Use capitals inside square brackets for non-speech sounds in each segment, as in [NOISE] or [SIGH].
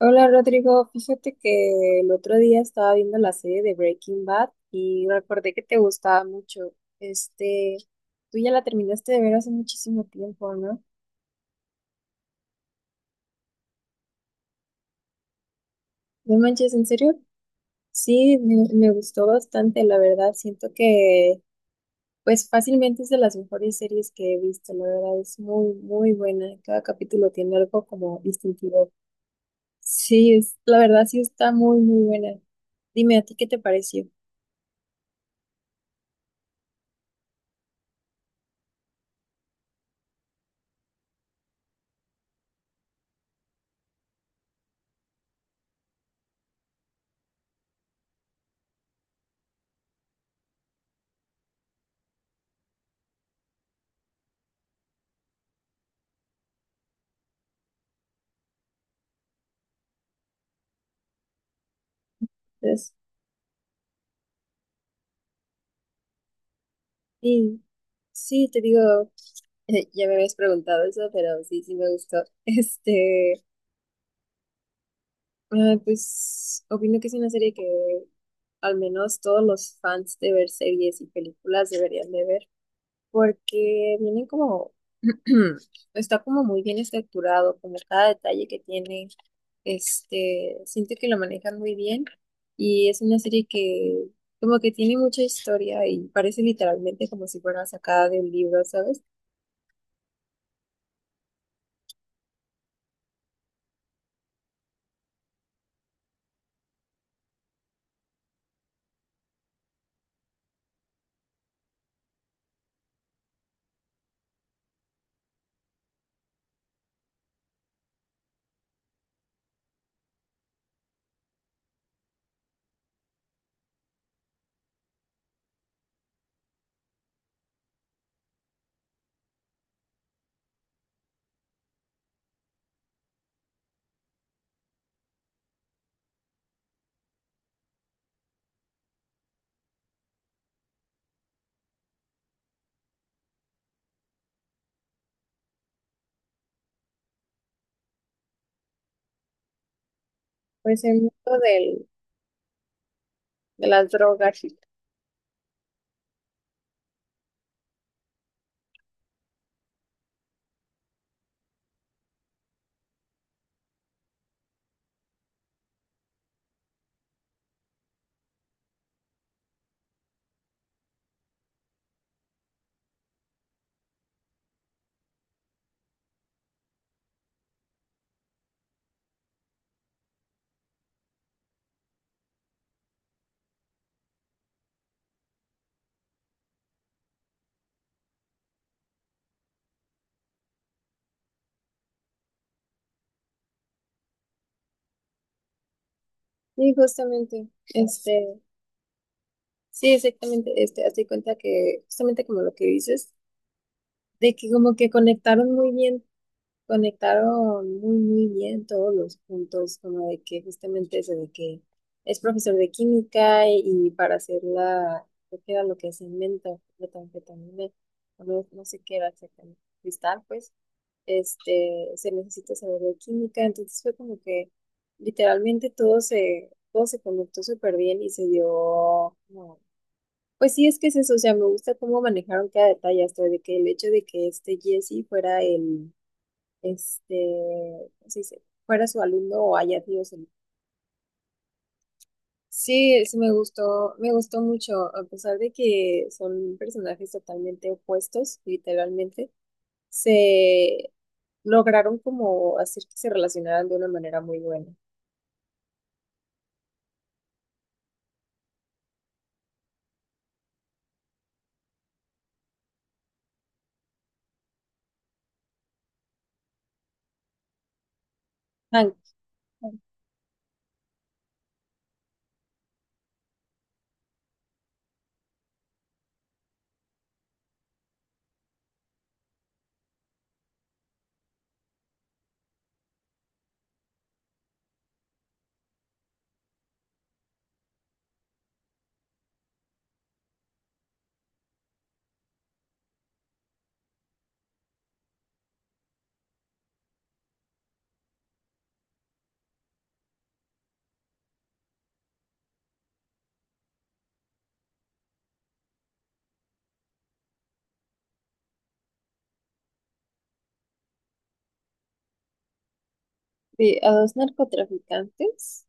Hola Rodrigo, fíjate que el otro día estaba viendo la serie de Breaking Bad y recordé que te gustaba mucho. Este, tú ya la terminaste de ver hace muchísimo tiempo, ¿no? No manches, ¿en serio? Sí, me gustó bastante, la verdad. Siento que, pues fácilmente es de las mejores series que he visto, la verdad. Es muy, muy buena. Cada capítulo tiene algo como distintivo. Sí, es, la verdad sí está muy, muy buena. Dime, ¿a ti qué te pareció? Sí, sí, te digo, [LAUGHS] ya me habías preguntado eso, pero sí, sí me gustó. [LAUGHS] Este, pues opino que es una serie que al menos todos los fans de ver series y películas deberían de ver, porque vienen como, [CLEARS THROAT] está como muy bien estructurado, como cada detalle que tiene. Siento que lo manejan muy bien y es una serie que como que tiene mucha historia y parece literalmente como si fuera sacada de un libro, ¿sabes? Pues el mundo del, de las drogas. Sí, justamente, sí, exactamente, hazte cuenta que justamente como lo que dices, de que como que conectaron muy bien. Conectaron muy, muy bien todos los puntos, como de que justamente eso de que es profesor de química y para hacer la, creo que era lo que es cemento, metanfetamina, o no, no sé qué era exactamente, cristal, pues, se necesita saber de química, entonces fue como que literalmente todo se conectó súper bien y se dio, como pues sí, es que es eso, o sea, me gusta cómo manejaron cada detalle, hasta de que el hecho de que este Jesse fuera el este, ¿cómo se dice? Fuera su alumno o haya sido su alumno. Sí, sí me gustó mucho, a pesar de que son personajes totalmente opuestos, literalmente, se lograron como hacer que se relacionaran de una manera muy buena. Hank, sí, a dos narcotraficantes.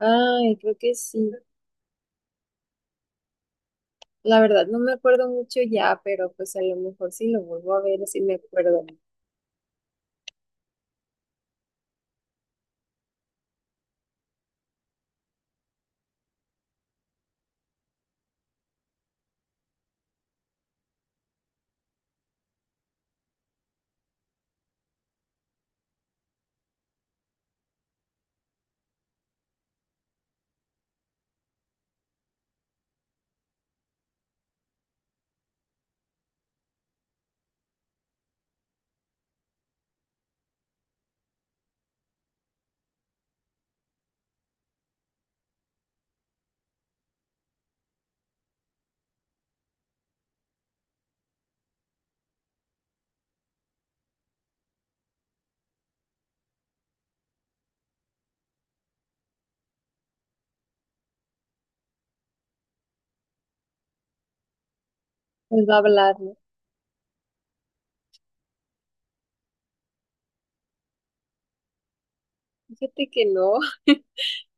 Ay, creo que sí. La verdad, no me acuerdo mucho ya, pero pues a lo mejor si lo vuelvo a ver, sí me acuerdo. Pues va a hablar, ¿no? Fíjate que no,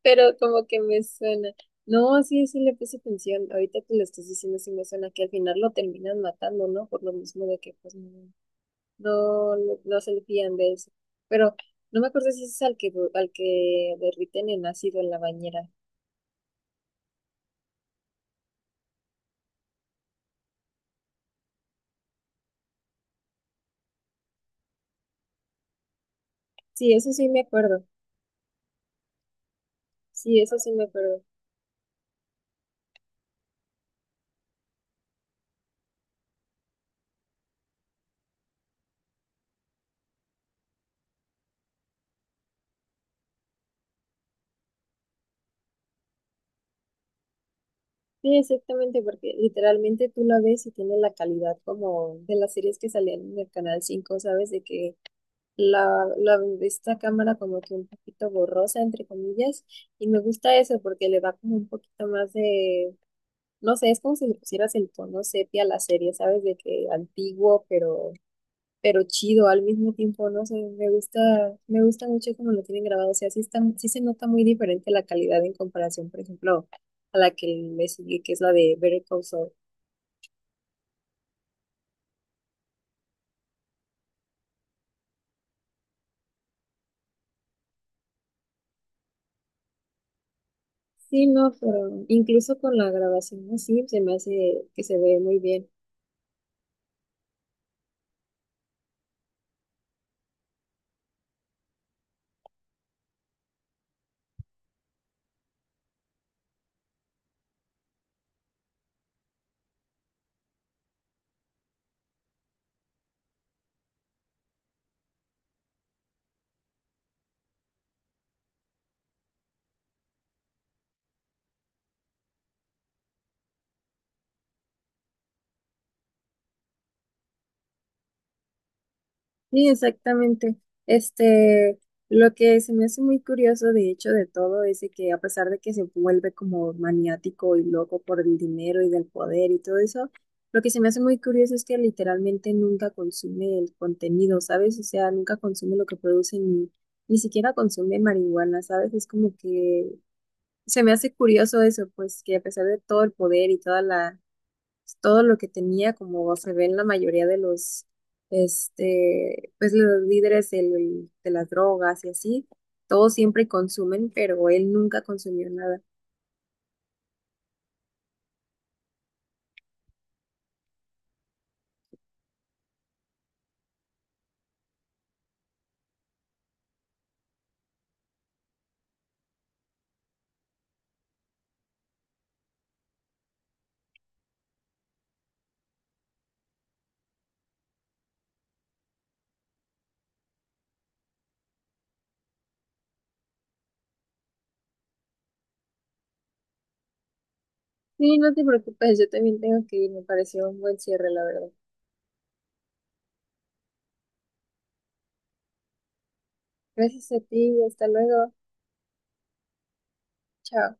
pero como que me suena. No, sí, sí le puse atención. Ahorita que lo estás diciendo, sí me suena que al final lo terminan matando, ¿no? Por lo mismo de que pues no, no, no, no se le fían de eso. Pero no me acuerdo si es al que derriten en ácido en la bañera. Sí, eso sí me acuerdo. Sí, eso sí me acuerdo. Sí, exactamente, porque literalmente tú la ves y tiene la calidad como de las series que salían en el Canal Cinco, ¿sabes? De que de esta cámara como que un poquito borrosa, entre comillas, y me gusta eso porque le da como un poquito más de, no sé, es como si le pusieras el tono sepia a la serie, ¿sabes? De que antiguo, pero chido al mismo tiempo, no sé, me gusta mucho como lo tienen grabado, o sea, sí está, sí se nota muy diferente la calidad en comparación, por ejemplo, a la que le sigue, que es la de Better Call Saul. Sí, no, pero incluso con la grabación así se me hace que se ve muy bien. Sí, exactamente. Este, lo que se me hace muy curioso, de hecho, de todo es de que a pesar de que se vuelve como maniático y loco por el dinero y del poder y todo eso, lo que se me hace muy curioso es que literalmente nunca consume el contenido, ¿sabes? O sea, nunca consume lo que producen, ni siquiera consume marihuana, ¿sabes? Es como que se me hace curioso eso, pues que a pesar de todo el poder y toda la pues, todo lo que tenía, como se ve en la mayoría de los, pues los líderes del de las drogas y así, todos siempre consumen, pero él nunca consumió nada. Sí, no te preocupes, yo también tengo que ir, me pareció un buen cierre, la verdad. Gracias a ti, hasta luego. Chao.